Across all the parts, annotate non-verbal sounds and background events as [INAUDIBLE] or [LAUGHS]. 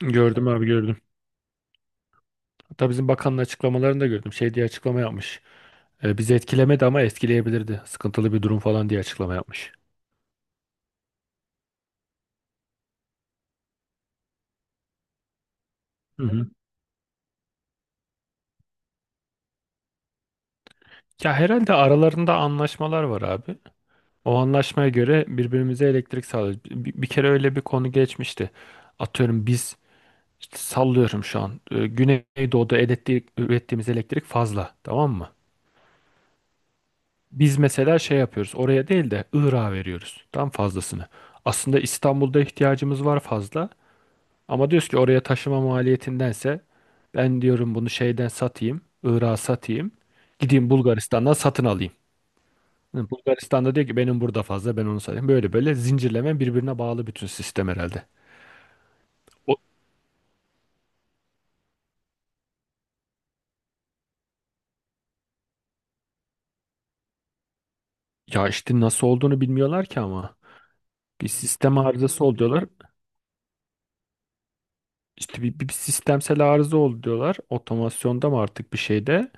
Gördüm abi, gördüm. Hatta bizim bakanın açıklamalarını da gördüm. Şey diye açıklama yapmış. Bizi etkilemedi ama etkileyebilirdi. Sıkıntılı bir durum falan diye açıklama yapmış. Hı hı. Ya herhalde aralarında anlaşmalar var abi. O anlaşmaya göre birbirimize elektrik sağlıyoruz. Bir kere öyle bir konu geçmişti. Atıyorum biz işte, sallıyorum şu an. Güneydoğu'da elektrik, ürettiğimiz elektrik fazla. Tamam mı? Biz mesela şey yapıyoruz. Oraya değil de Irak'a veriyoruz, tam fazlasını. Aslında İstanbul'da ihtiyacımız var fazla. Ama diyoruz ki oraya taşıma maliyetindense ben diyorum bunu şeyden satayım, Irak'a satayım. Gideyim Bulgaristan'dan satın alayım. Yani Bulgaristan'da diyor ki benim burada fazla, ben onu satayım. Böyle böyle zincirleme birbirine bağlı bütün sistem herhalde. O, ya işte nasıl olduğunu bilmiyorlar ki ama. Bir sistem arızası ol diyorlar. İşte bir sistemsel arıza oldu diyorlar. Otomasyonda mı artık bir şeyde.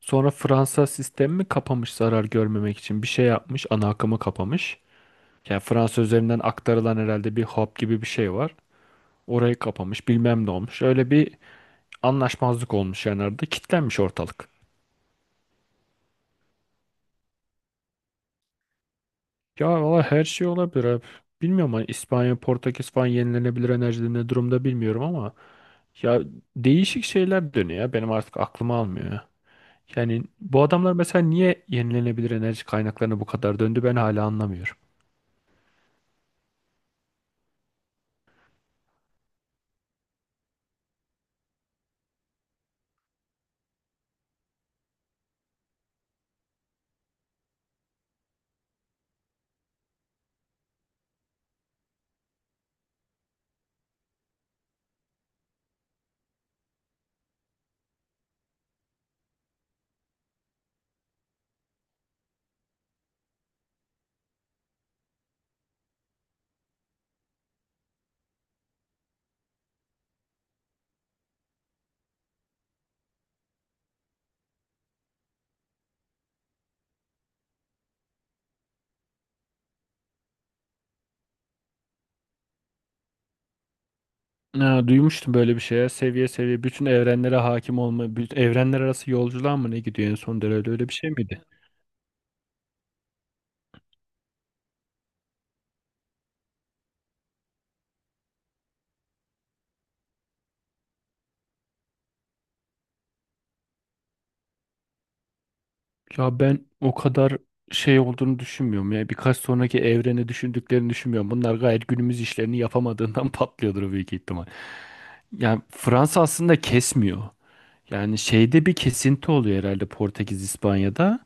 Sonra Fransa sistemi mi kapamış zarar görmemek için. Bir şey yapmış, ana akımı kapamış. Yani Fransa üzerinden aktarılan herhalde bir hap gibi bir şey var. Orayı kapamış, bilmem ne olmuş. Öyle bir anlaşmazlık olmuş yani, arada kilitlenmiş ortalık. Ya valla her şey olabilir abi. Bilmiyorum, hani İspanya, Portekiz falan yenilenebilir enerjide ne durumda bilmiyorum ama ya değişik şeyler dönüyor ya. Benim artık aklım almıyor ya. Yani bu adamlar mesela niye yenilenebilir enerji kaynaklarına bu kadar döndü ben hala anlamıyorum. Ha, duymuştum böyle bir şeye. Seviye seviye bütün evrenlere hakim olma, bütün evrenler arası yolculuğa mı ne gidiyor en son derece, öyle bir şey miydi? Ya ben o kadar şey olduğunu düşünmüyorum ya. Birkaç sonraki evreni düşündüklerini düşünmüyorum. Bunlar gayet günümüz işlerini yapamadığından [LAUGHS] patlıyordur büyük ihtimal. Yani Fransa aslında kesmiyor. Yani şeyde bir kesinti oluyor herhalde, Portekiz, İspanya'da.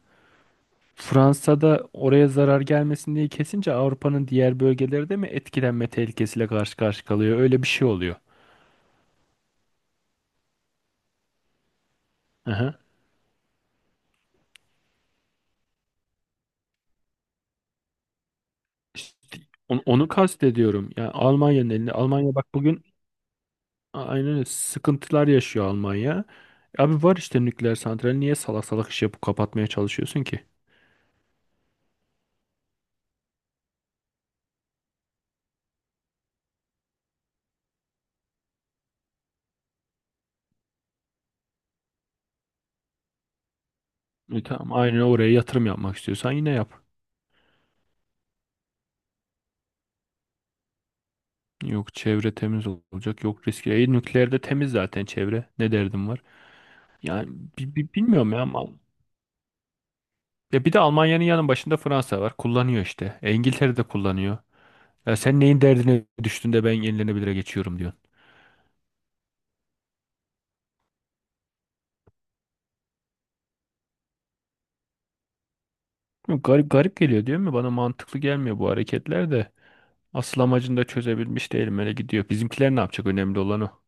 Fransa'da oraya zarar gelmesin diye kesince Avrupa'nın diğer bölgeleri de mi etkilenme tehlikesiyle karşı karşıya kalıyor? Öyle bir şey oluyor. İşte onu kastediyorum. Yani Almanya'nın elinde. Almanya bak bugün aynen öyle sıkıntılar yaşıyor Almanya. Abi var işte nükleer santral. Niye salak salak iş yapıp kapatmaya çalışıyorsun ki? Tamam, aynen, oraya yatırım yapmak istiyorsan yine yap. Yok çevre temiz olacak. Yok riski. Nükleerde temiz zaten çevre. Ne derdim var? Yani bilmiyorum ya. Ya bir de Almanya'nın yanın başında Fransa var. Kullanıyor işte. İngiltere de kullanıyor. Ya sen neyin derdine düştün de ben yenilenebilire geçiyorum diyorsun. Yok, garip garip geliyor değil mi? Bana mantıklı gelmiyor bu hareketler de. Asıl amacını da çözebilmiş değilim. Öyle gidiyor. Bizimkiler ne yapacak? Önemli olan o.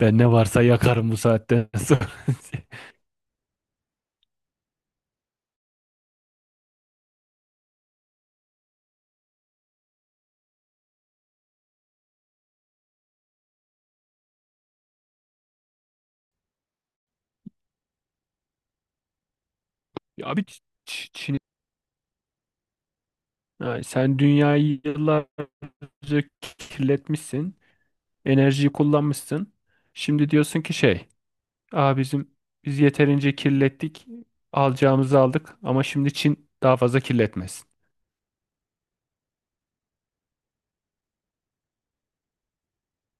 Ben ne varsa yakarım bu saatten sonra. [LAUGHS] Ya abi, Çin, ha, sen dünyayı yıllarca kirletmişsin. Enerjiyi kullanmışsın. Şimdi diyorsun ki şey. Aa, biz yeterince kirlettik. Alacağımızı aldık. Ama şimdi Çin daha fazla kirletmesin.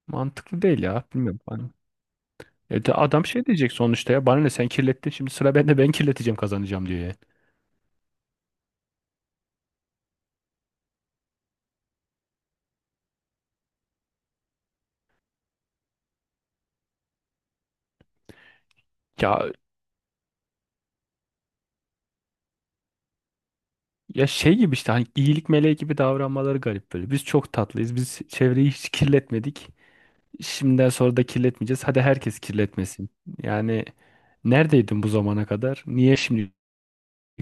Mantıklı değil ya. Bilmiyorum. De adam şey diyecek sonuçta, ya bana ne, sen kirlettin şimdi sıra bende, ben kirleteceğim, kazanacağım diyor ya. Ya ya şey gibi işte, hani iyilik meleği gibi davranmaları garip böyle. Biz çok tatlıyız. Biz çevreyi hiç kirletmedik. Şimdiden sonra da kirletmeyeceğiz. Hadi herkes kirletmesin. Yani neredeydin bu zamana kadar? Niye şimdi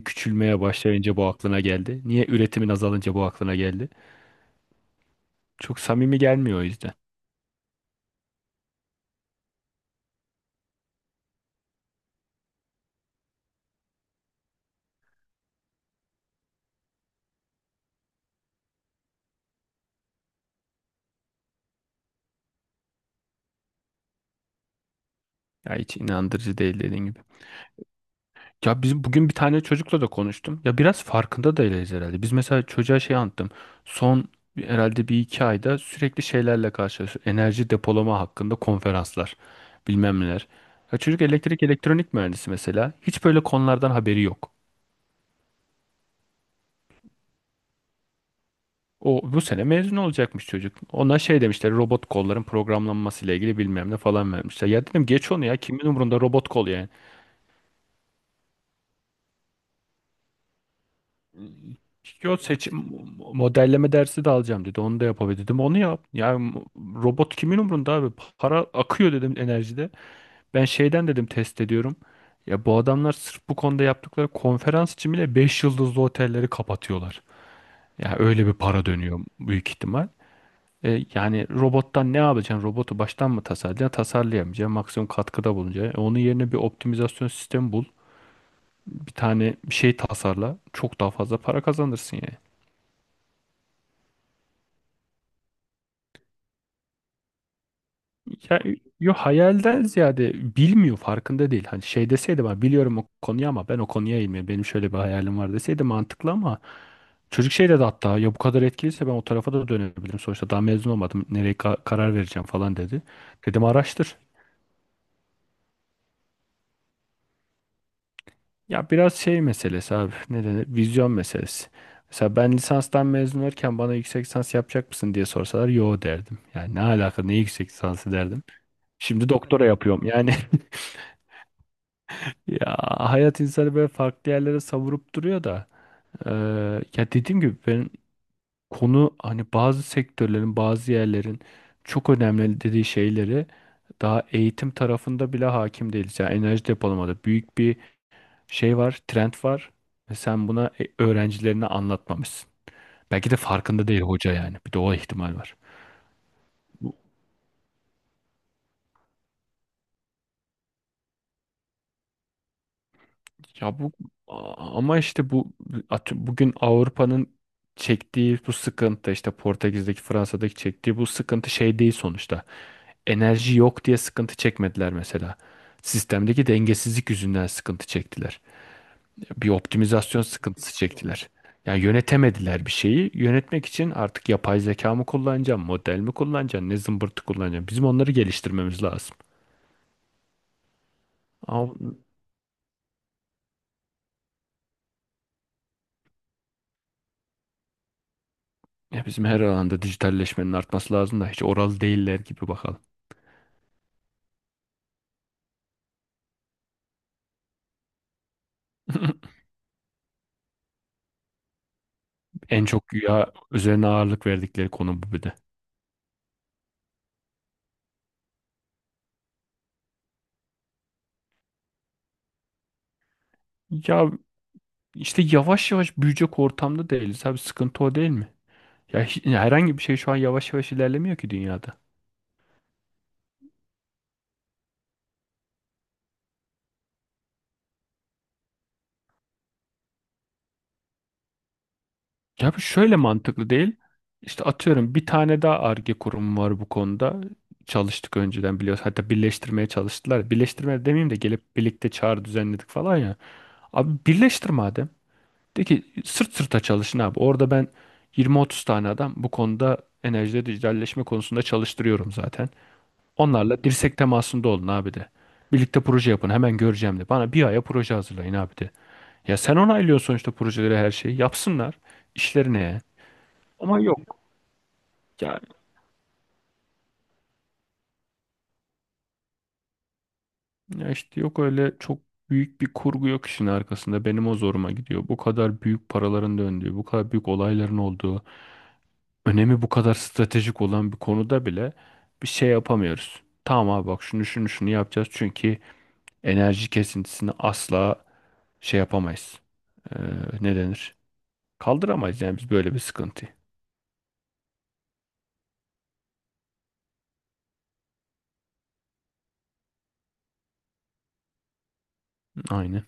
küçülmeye başlayınca bu aklına geldi? Niye üretimin azalınca bu aklına geldi? Çok samimi gelmiyor o yüzden. Ya hiç inandırıcı değil, dediğin gibi. Ya biz bugün, bir tane çocukla da konuştum. Ya biraz farkında da değiliz herhalde. Biz mesela çocuğa şey anlattım. Son herhalde bir iki ayda sürekli şeylerle karşılaşıyoruz. Enerji depolama hakkında konferanslar, bilmem neler. Ya çocuk elektrik elektronik mühendisi mesela. Hiç böyle konulardan haberi yok. O bu sene mezun olacakmış çocuk. Ona şey demişler, robot kolların programlanması ile ilgili bilmem ne falan vermişler. Ya dedim geç onu ya, kimin umurunda robot kol yani. Ki o seçim modelleme dersi de alacağım dedi. Onu da yapabilir dedim. Onu yap. Robot kimin umrunda abi? Para akıyor dedim enerjide. Ben şeyden dedim, test ediyorum. Ya bu adamlar sırf bu konuda yaptıkları konferans için bile 5 yıldızlı otelleri kapatıyorlar. Ya öyle bir para dönüyor büyük ihtimal. Yani robottan ne yapacaksın? Robotu baştan mı tasarlayacaksın? Tasarlayamayacaksın. Maksimum katkıda bulunacaksın. Onun yerine bir optimizasyon sistemi bul. Bir tane bir şey tasarla. Çok daha fazla para kazanırsın yani. Ya, yo, hayalden ziyade bilmiyor, farkında değil. Hani şey deseydi, ben biliyorum o konuyu ama ben o konuya eğilmiyorum, benim şöyle bir hayalim var deseydi mantıklı, ama çocuk şey dedi hatta, ya bu kadar etkiliyse ben o tarafa da dönebilirim. Sonuçta daha mezun olmadım. Nereye karar vereceğim falan dedi. Dedim araştır. Ya biraz şey meselesi abi. Ne denir? Vizyon meselesi. Mesela ben lisanstan mezun olurken bana yüksek lisans yapacak mısın diye sorsalar yo derdim. Yani ne alaka, ne yüksek lisansı derdim. Şimdi doktora yapıyorum yani. [LAUGHS] Ya hayat insanı böyle farklı yerlere savurup duruyor da eee, ya dediğim gibi ben, konu hani bazı sektörlerin, bazı yerlerin çok önemli dediği şeyleri daha eğitim tarafında bile hakim değiliz. Yani enerji depolamada büyük bir şey var, trend var ve sen buna öğrencilerine anlatmamışsın. Belki de farkında değil hoca yani. Bir de o ihtimal var. Ya bu ama işte bu bugün Avrupa'nın çektiği bu sıkıntı, işte Portekiz'deki, Fransa'daki çektiği bu sıkıntı şey değil sonuçta. Enerji yok diye sıkıntı çekmediler mesela. Sistemdeki dengesizlik yüzünden sıkıntı çektiler. Bir optimizasyon sıkıntısı çektiler. Yani yönetemediler bir şeyi. Yönetmek için artık yapay zeka mı kullanacağım, model mi kullanacağım, ne zımbırtı kullanacağım. Bizim onları geliştirmemiz lazım. Ya bizim her alanda dijitalleşmenin artması lazım da hiç oral değiller gibi, bakalım. [LAUGHS] En çok ya üzerine ağırlık verdikleri konu bu bir de. Ya işte yavaş yavaş büyüyecek ortamda değiliz abi, sıkıntı o değil mi? Ya herhangi bir şey şu an yavaş yavaş ilerlemiyor ki dünyada. Ya bu şöyle mantıklı değil. İşte atıyorum bir tane daha Ar-Ge kurumu var bu konuda. Çalıştık önceden, biliyoruz. Hatta birleştirmeye çalıştılar. Birleştirme demeyeyim de gelip birlikte çağrı düzenledik falan ya. Abi birleştir madem. De ki sırt sırta çalışın abi. Orada ben 20-30 tane adam bu konuda, enerjide dijitalleşme konusunda çalıştırıyorum zaten. Onlarla dirsek temasında olun abi de. Birlikte proje yapın, hemen göreceğim de. Bana bir aya proje hazırlayın abi de. Ya sen onaylıyorsun sonuçta projeleri, her şeyi. Yapsınlar işlerine. Ama yok. Ya, ya işte yok, öyle çok büyük bir kurgu yok işin arkasında. Benim o zoruma gidiyor. Bu kadar büyük paraların döndüğü, bu kadar büyük olayların olduğu, önemi bu kadar stratejik olan bir konuda bile bir şey yapamıyoruz. Tamam abi bak, şunu şunu şunu yapacağız çünkü enerji kesintisini asla şey yapamayız. Ee, ne denir? Kaldıramayız yani biz böyle bir sıkıntıyı. Aynen.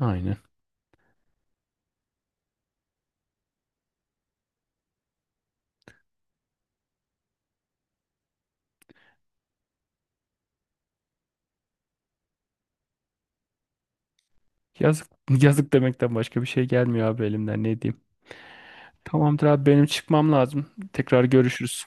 Aynen. Yazık, yazık demekten başka bir şey gelmiyor abi, elimden ne diyeyim. Tamamdır abi, benim çıkmam lazım. Tekrar görüşürüz.